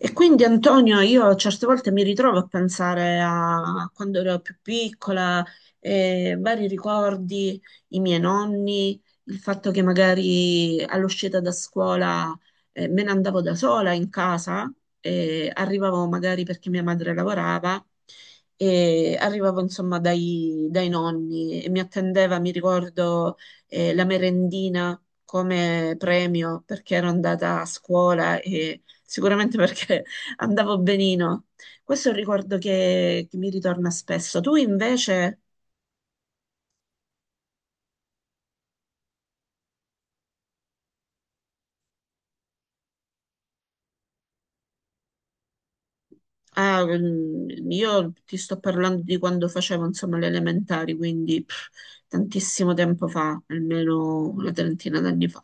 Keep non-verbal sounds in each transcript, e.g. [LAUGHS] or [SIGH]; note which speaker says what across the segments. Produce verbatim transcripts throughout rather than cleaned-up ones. Speaker 1: E quindi Antonio, io certe volte mi ritrovo a pensare a quando ero più piccola, eh, vari ricordi, i miei nonni, il fatto che magari all'uscita da scuola, eh, me ne andavo da sola in casa, eh, arrivavo magari perché mia madre lavorava, e arrivavo insomma dai, dai nonni e mi attendeva, mi ricordo, eh, la merendina come premio perché ero andata a scuola e sicuramente perché [LAUGHS] andavo benino. Questo è un ricordo che, che mi ritorna spesso. Tu invece, ah, mm, io ti sto parlando di quando facevo, insomma, le elementari, quindi pff, tantissimo tempo fa, almeno una trentina d'anni fa.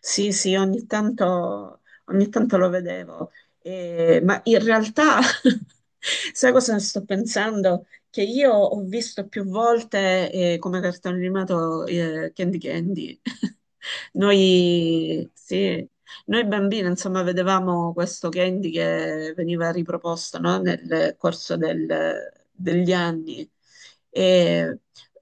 Speaker 1: Sì, sì, ogni tanto, ogni tanto lo vedevo. Eh, ma in realtà, [LAUGHS] sai cosa sto pensando? Che io ho visto più volte eh, come cartone animato eh, Candy Candy. [LAUGHS] Noi, sì, noi bambini, insomma, vedevamo questo candy che veniva riproposto, no, nel corso del- degli anni. E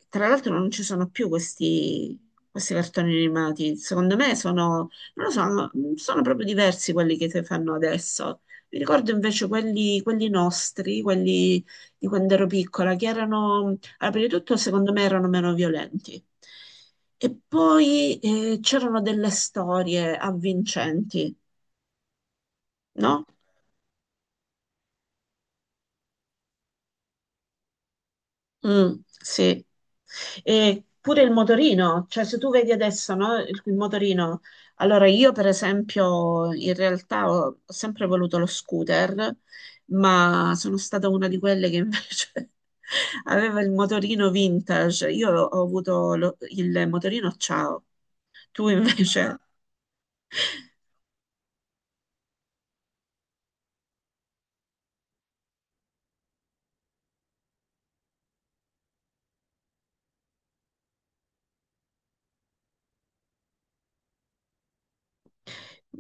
Speaker 1: tra l'altro non ci sono più questi, questi cartoni animati. Secondo me sono, non lo so, hanno- sono proprio diversi quelli che si fanno adesso. Mi ricordo invece quelli, quelli nostri, quelli di quando ero piccola, che erano allora, prima di tutto, secondo me erano meno violenti. E poi eh, c'erano delle storie avvincenti, no? Mm, sì. E pure il motorino, cioè se tu vedi adesso, no, il, il motorino. Allora, io per esempio, in realtà ho, ho sempre voluto lo scooter, ma sono stata una di quelle che invece [LAUGHS] aveva il motorino vintage. Io ho avuto lo- il motorino ciao. Tu invece?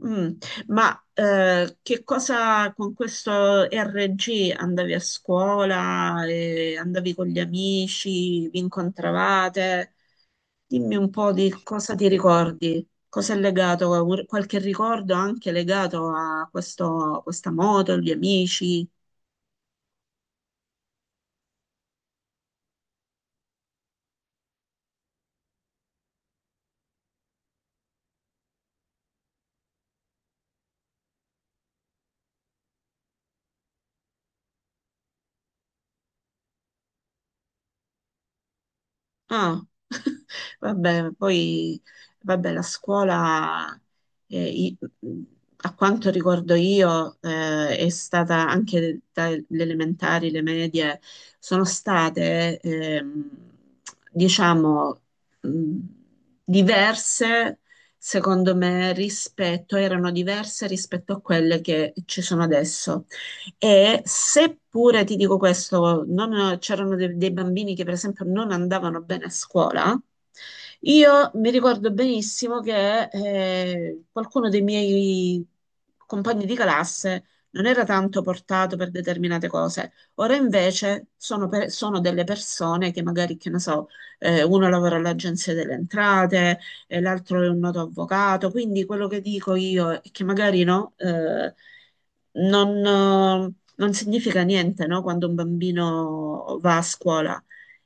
Speaker 1: Mm, ma eh, che cosa con questo R G andavi a scuola, e andavi con gli amici, vi incontravate? Dimmi un po' di cosa ti ricordi, cosa è legato, qualche ricordo anche legato a questo- questa moto, gli amici. Ah, [LAUGHS] vabbè, poi vabbè, la scuola, eh, i- a quanto ricordo io, eh, è stata anche dalle elementari, le medie, sono state, ehm, diciamo, mh, diverse, secondo me, rispetto, erano diverse rispetto a quelle che ci sono adesso. E seppure ti dico questo, non- c'erano de- dei bambini che per esempio non andavano bene a scuola, io mi ricordo benissimo che eh, qualcuno dei miei compagni di classe non era tanto portato per determinate cose. Ora invece sono, per- sono delle persone che magari, che ne so, eh, uno lavora all'agenzia delle entrate, eh, l'altro è un noto avvocato. Quindi quello che dico io è che magari no, eh, non, eh, non significa niente, no, quando un bambino va a scuola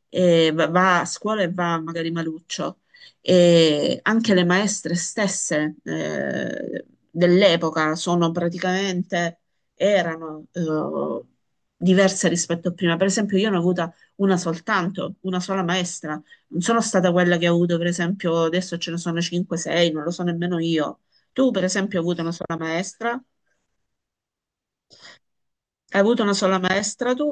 Speaker 1: e va va a scuola e va magari maluccio. E anche le maestre stesse eh, dell'epoca sono praticamente, erano eh, diverse rispetto a prima. Per esempio, io ne ho avuta una soltanto, una sola maestra. Non sono stata quella che ho avuto, per esempio, adesso ce ne sono cinque sei, non lo so nemmeno io. Tu, per esempio, hai avuto una sola maestra? Hai avuto una sola maestra tu?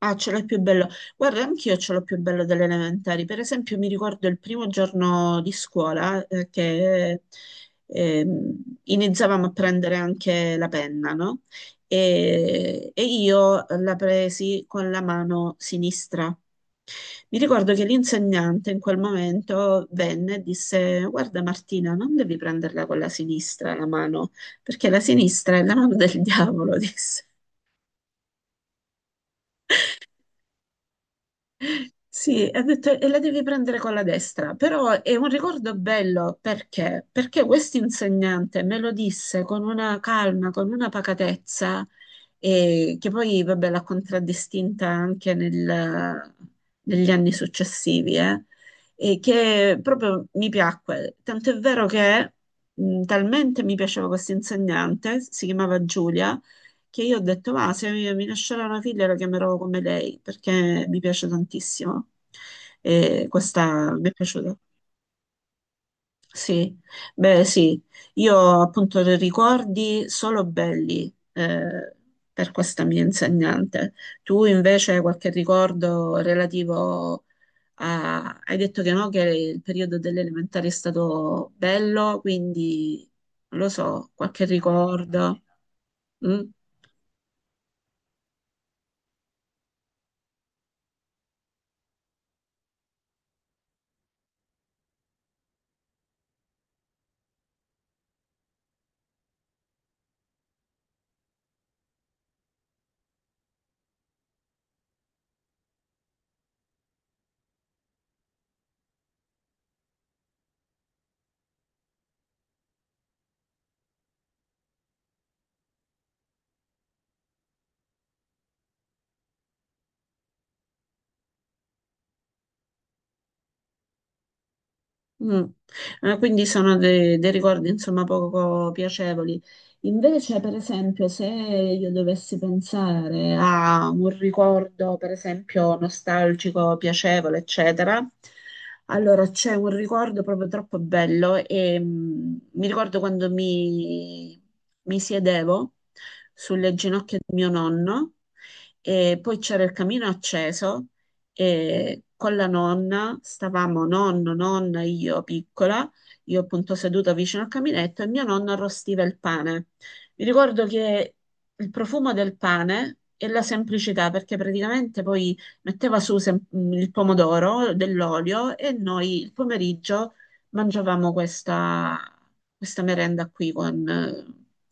Speaker 1: Ah, ce l'ho più bello. Guarda, anch'io ce l'ho più bello delle elementari. Per esempio, mi ricordo il primo giorno di scuola eh, che ehm, iniziavamo a prendere anche la penna, no? E, e io la presi con la mano sinistra. Mi ricordo che l'insegnante in quel momento venne e disse: guarda, Martina, non devi prenderla con la sinistra la mano, perché la sinistra è la mano del diavolo, [LAUGHS] disse. Sì, ha detto, e la devi prendere con la destra, però è un ricordo bello perché? Perché questo insegnante me lo disse con una calma, con una pacatezza, eh, che poi vabbè, l'ha contraddistinta anche nel- negli anni successivi, eh, e che proprio mi piacque. Tanto è vero che mh, talmente mi piaceva questo insegnante, si chiamava Giulia che io ho detto, va, se mi, mi nascerà una figlia la chiamerò come lei, perché mi piace tantissimo. E questa mi è piaciuta. Sì, beh, sì, io ho appunto dei ricordi solo belli eh, per questa mia insegnante. Tu invece hai qualche ricordo relativo a... Hai detto che no, che il periodo delle elementari è stato bello, quindi non lo so, qualche ricordo. Mm? Mm. Eh, quindi sono de- dei ricordi insomma poco piacevoli. Invece, per esempio, se io dovessi pensare a un ricordo, per esempio, nostalgico, piacevole, eccetera, allora c'è un ricordo proprio troppo bello e mm, mi ricordo quando mi, mi siedevo sulle ginocchia di mio nonno e poi c'era il camino acceso e con la nonna, stavamo nonno, nonna, io piccola, io appunto seduta vicino al caminetto e mio nonno arrostiva il pane. Mi ricordo che il profumo del pane e la semplicità, perché praticamente poi metteva su sem- il pomodoro, dell'olio e noi il pomeriggio mangiavamo questa, questa merenda qui con, eh,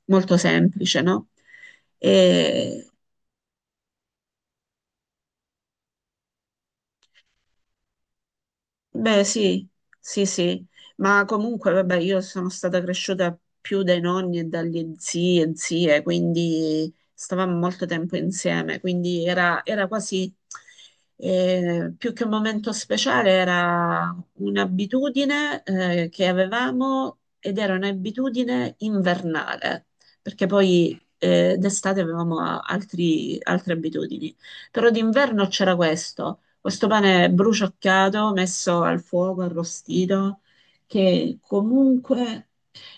Speaker 1: molto semplice, no? E beh, sì, sì, sì, ma comunque, vabbè, io sono stata cresciuta più dai nonni e dagli zii e zie, quindi stavamo molto tempo insieme, quindi era, era quasi, eh, più che un momento speciale, era un'abitudine, eh, che avevamo ed era un'abitudine invernale, perché poi, eh, d'estate avevamo altri- altre abitudini, però d'inverno c'era questo. Questo pane bruciacchiato, messo al fuoco, arrostito, che comunque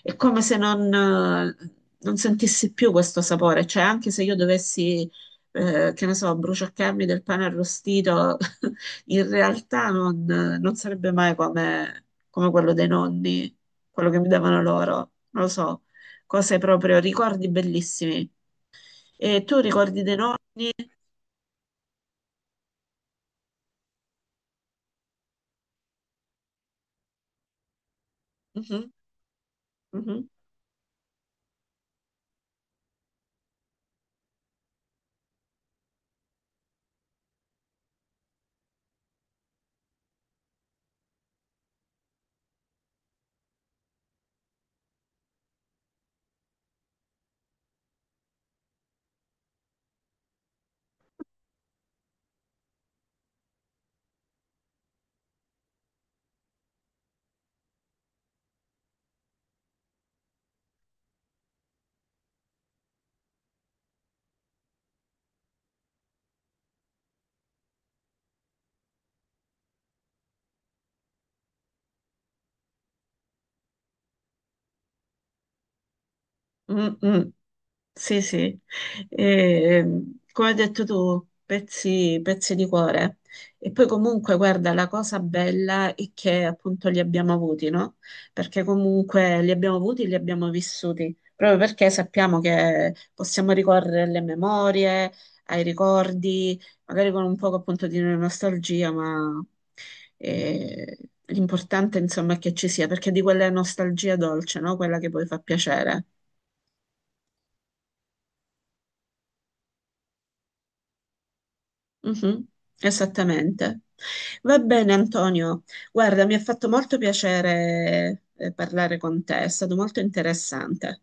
Speaker 1: è come se non, non sentissi più questo sapore. Cioè, anche se io dovessi, eh, che ne so, bruciacchiarmi del pane arrostito, [LAUGHS] in realtà non, non sarebbe mai come, come quello dei nonni, quello che mi davano loro. Non lo so, cose proprio, ricordi bellissimi. E tu ricordi dei nonni? Mhm, mhm, mm, mm. Sì, sì, e, come hai detto tu, pezzi, pezzi di cuore. E poi comunque, guarda, la cosa bella è che appunto li abbiamo avuti, no? Perché comunque li abbiamo avuti, li abbiamo vissuti, proprio perché sappiamo che possiamo ricorrere alle memorie, ai ricordi, magari con un poco appunto di nostalgia, ma eh, l'importante insomma è che ci sia, perché di quella nostalgia dolce, no? Quella che poi fa piacere. Mhm, esattamente. Va bene, Antonio. Guarda, mi ha fatto molto piacere eh, parlare con te, è stato molto interessante.